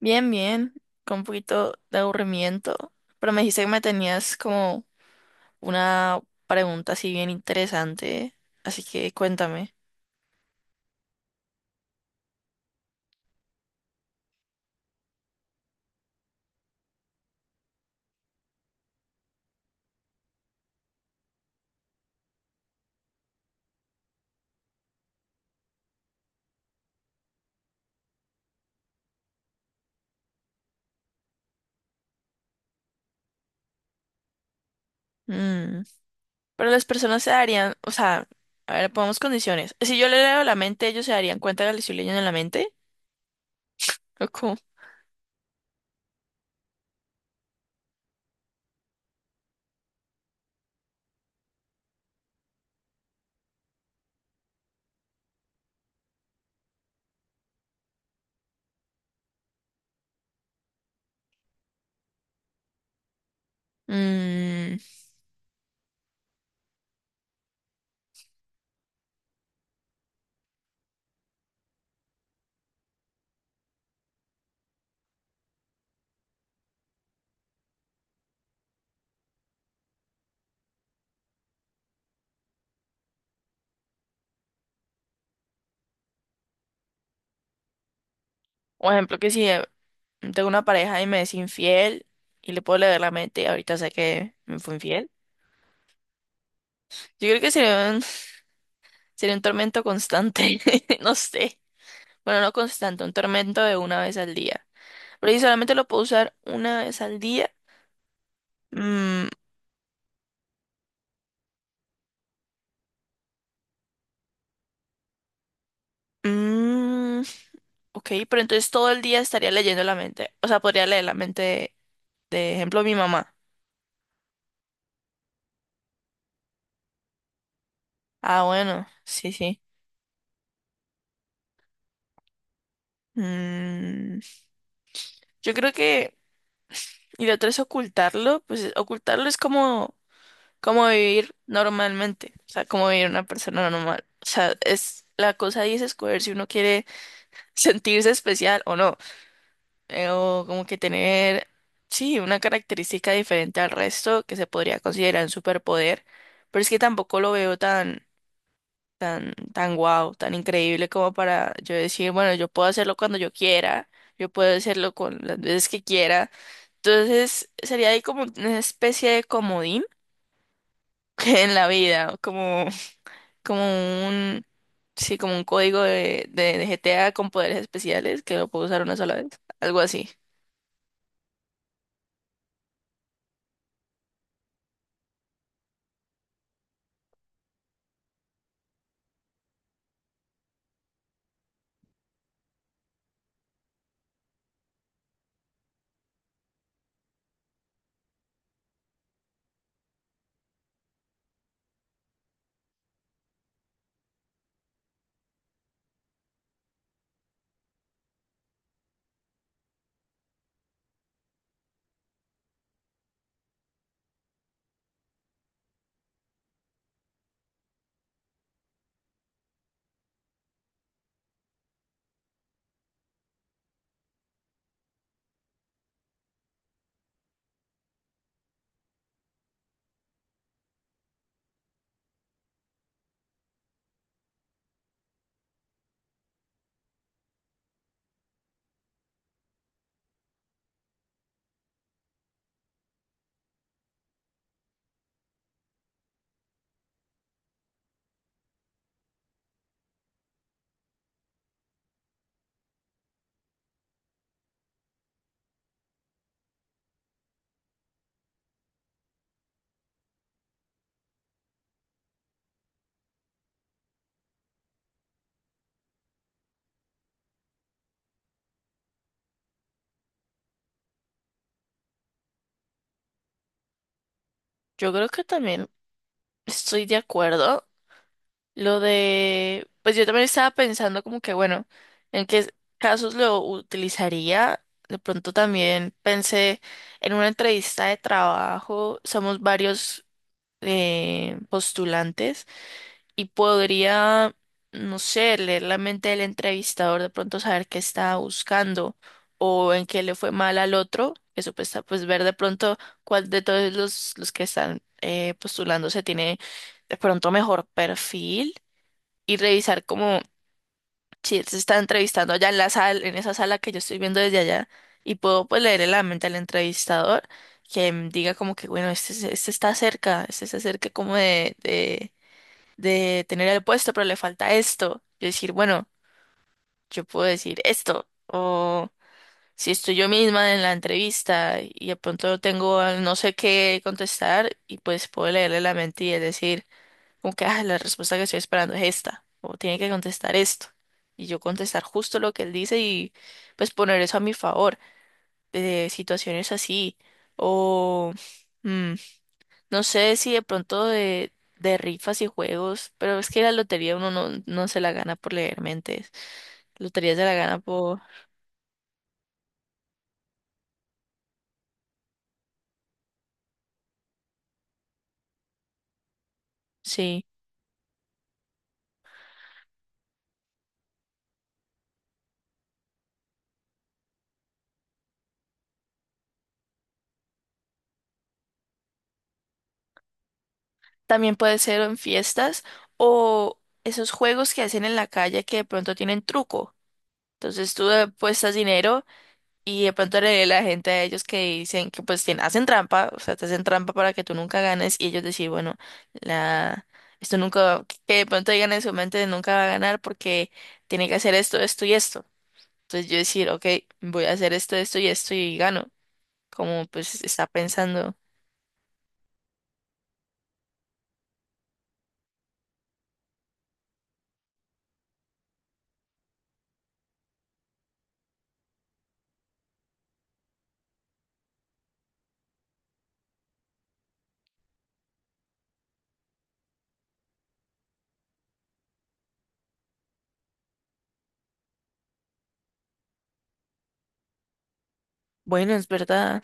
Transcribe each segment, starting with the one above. Bien, bien, con un poquito de aburrimiento, pero me dijiste que me tenías como una pregunta así bien interesante, así que cuéntame. Mm, Pero las personas se darían, o sea, a ver, pongamos condiciones. Si yo le leo la mente, ellos se darían cuenta de que le estoy leyendo en la mente. ¿O cómo? Mm, Por ejemplo, que si tengo una pareja y me es infiel y le puedo leer la mente y ahorita sé que me fue infiel. Yo creo que sería un, sería un tormento constante, no sé. Bueno, no constante, un tormento de una vez al día. Pero si solamente lo puedo usar una vez al día. mm, mm, ok, pero entonces todo el día estaría leyendo la mente. O sea, podría leer la mente de ejemplo, mi mamá. Ah, bueno, sí, sí. Mm, yo creo que. Y lo otro es ocultarlo. Pues ocultarlo es como, como vivir normalmente. O sea, como vivir una persona normal. O sea, es. La cosa ahí es escoger si uno quiere sentirse especial o no. O como que tener, sí, una característica diferente al resto que se podría considerar un superpoder, pero es que tampoco lo veo tan, tan, tan guau, tan increíble como para yo decir, bueno, yo puedo hacerlo cuando yo quiera, yo puedo hacerlo con las veces que quiera. Entonces, sería ahí como una especie de comodín en la vida, como, como un, sí, como un código de GTA con poderes especiales que lo puedo usar una sola vez, algo así. Yo creo que también estoy de acuerdo. Lo de, pues yo también estaba pensando como que, bueno, en qué casos lo utilizaría. De pronto también pensé en una entrevista de trabajo, somos varios postulantes y podría, no sé, leer la mente del entrevistador, de pronto saber qué estaba buscando o en qué le fue mal al otro. Eso pues, está- pues ver de pronto cuál de todos los que están postulándose tiene de pronto mejor perfil y revisar como si él se está entrevistando allá en la sala, en esa sala que yo estoy viendo desde allá y puedo pues leer en la mente del entrevistador que diga como que bueno, este, se- este está cerca, este se acerca como de tener el puesto, pero le falta esto. Yo decir, bueno, yo puedo decir esto. O si estoy yo misma en la entrevista y de pronto tengo no sé qué contestar y pues puedo leerle la mente y es decir, como que ah, la respuesta que estoy esperando es esta. O tiene que contestar esto. Y yo contestar justo lo que él dice y pues poner eso a mi favor. De situaciones así. O... mm, no sé si de pronto de rifas y juegos, pero es que la lotería uno no, no se la gana por leer mentes. Lotería se la gana por... Sí. También puede ser en fiestas o esos juegos que hacen en la calle que de pronto tienen truco. Entonces tú apuestas dinero y de pronto le la gente a ellos que dicen que pues tien- hacen trampa, o sea, te hacen trampa para que tú nunca ganes y ellos decir, bueno, la... Esto nunca, que de pronto digan en su mente nunca va a ganar porque tiene que hacer esto, esto y esto. Entonces yo decir, ok, voy a hacer esto, esto y esto y gano. Como pues está pensando, bueno, es verdad.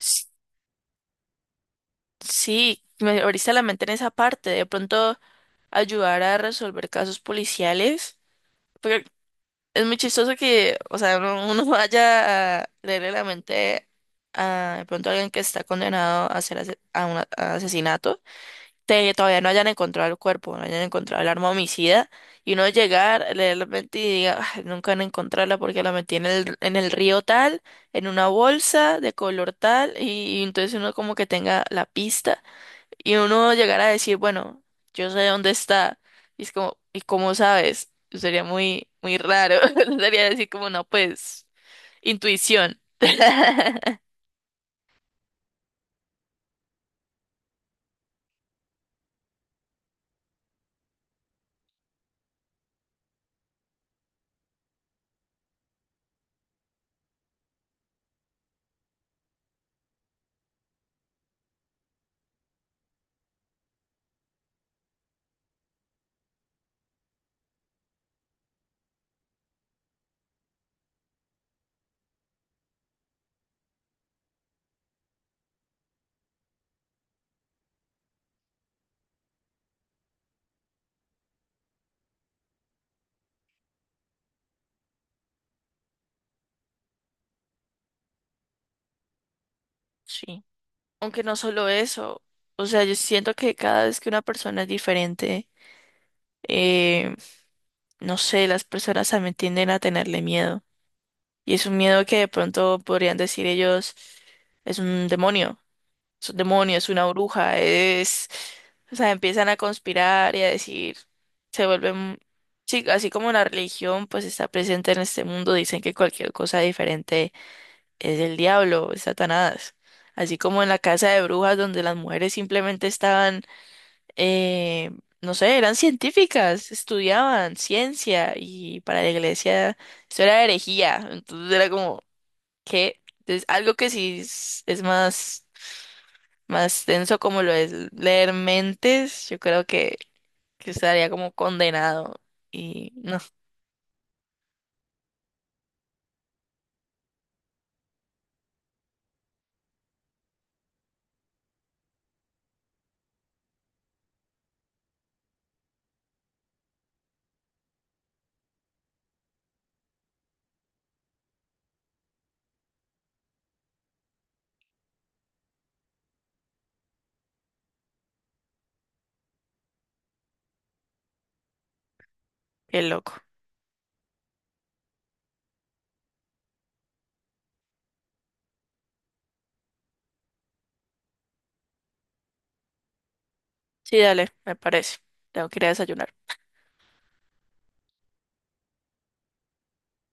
S- Sí, me abriste la mente en esa parte. De pronto ayudar a resolver casos policiales. Porque es muy chistoso que, o sea, uno vaya a leerle la mente a de pronto alguien que está condenado a hacer ase- a un a asesinato. Te- todavía no hayan encontrado el cuerpo, no hayan encontrado el arma homicida, y uno llegar, leer la mentira y diga, "Ay, nunca van a encontrarla porque la metí en el río tal, en una bolsa de color tal", y entonces uno como que tenga la pista, y uno llegar a decir, bueno, yo sé dónde está, y es como, ¿y cómo sabes? Sería muy, muy raro, sería decir como, no, pues, intuición. Sí. Aunque no solo eso, o sea, yo siento que cada vez que una persona es diferente, eh, no sé, las personas también tienden a tenerle miedo. Y es un miedo que de pronto podrían decir ellos, es un demonio, es un demonio, es una bruja, es... O sea, empiezan a conspirar y a decir, se vuelven... Sí, así como la religión pues está presente en este mundo, dicen que cualquier cosa diferente es el diablo, es Satanás. Así como en la casa de brujas donde las mujeres simplemente estaban eh, no sé, eran científicas, estudiaban ciencia y para la iglesia eso era herejía, entonces era como que es algo que sí es más, más denso como lo es leer mentes, yo creo que estaría como condenado y no, qué loco. Sí, dale, me parece. Tengo que ir a desayunar.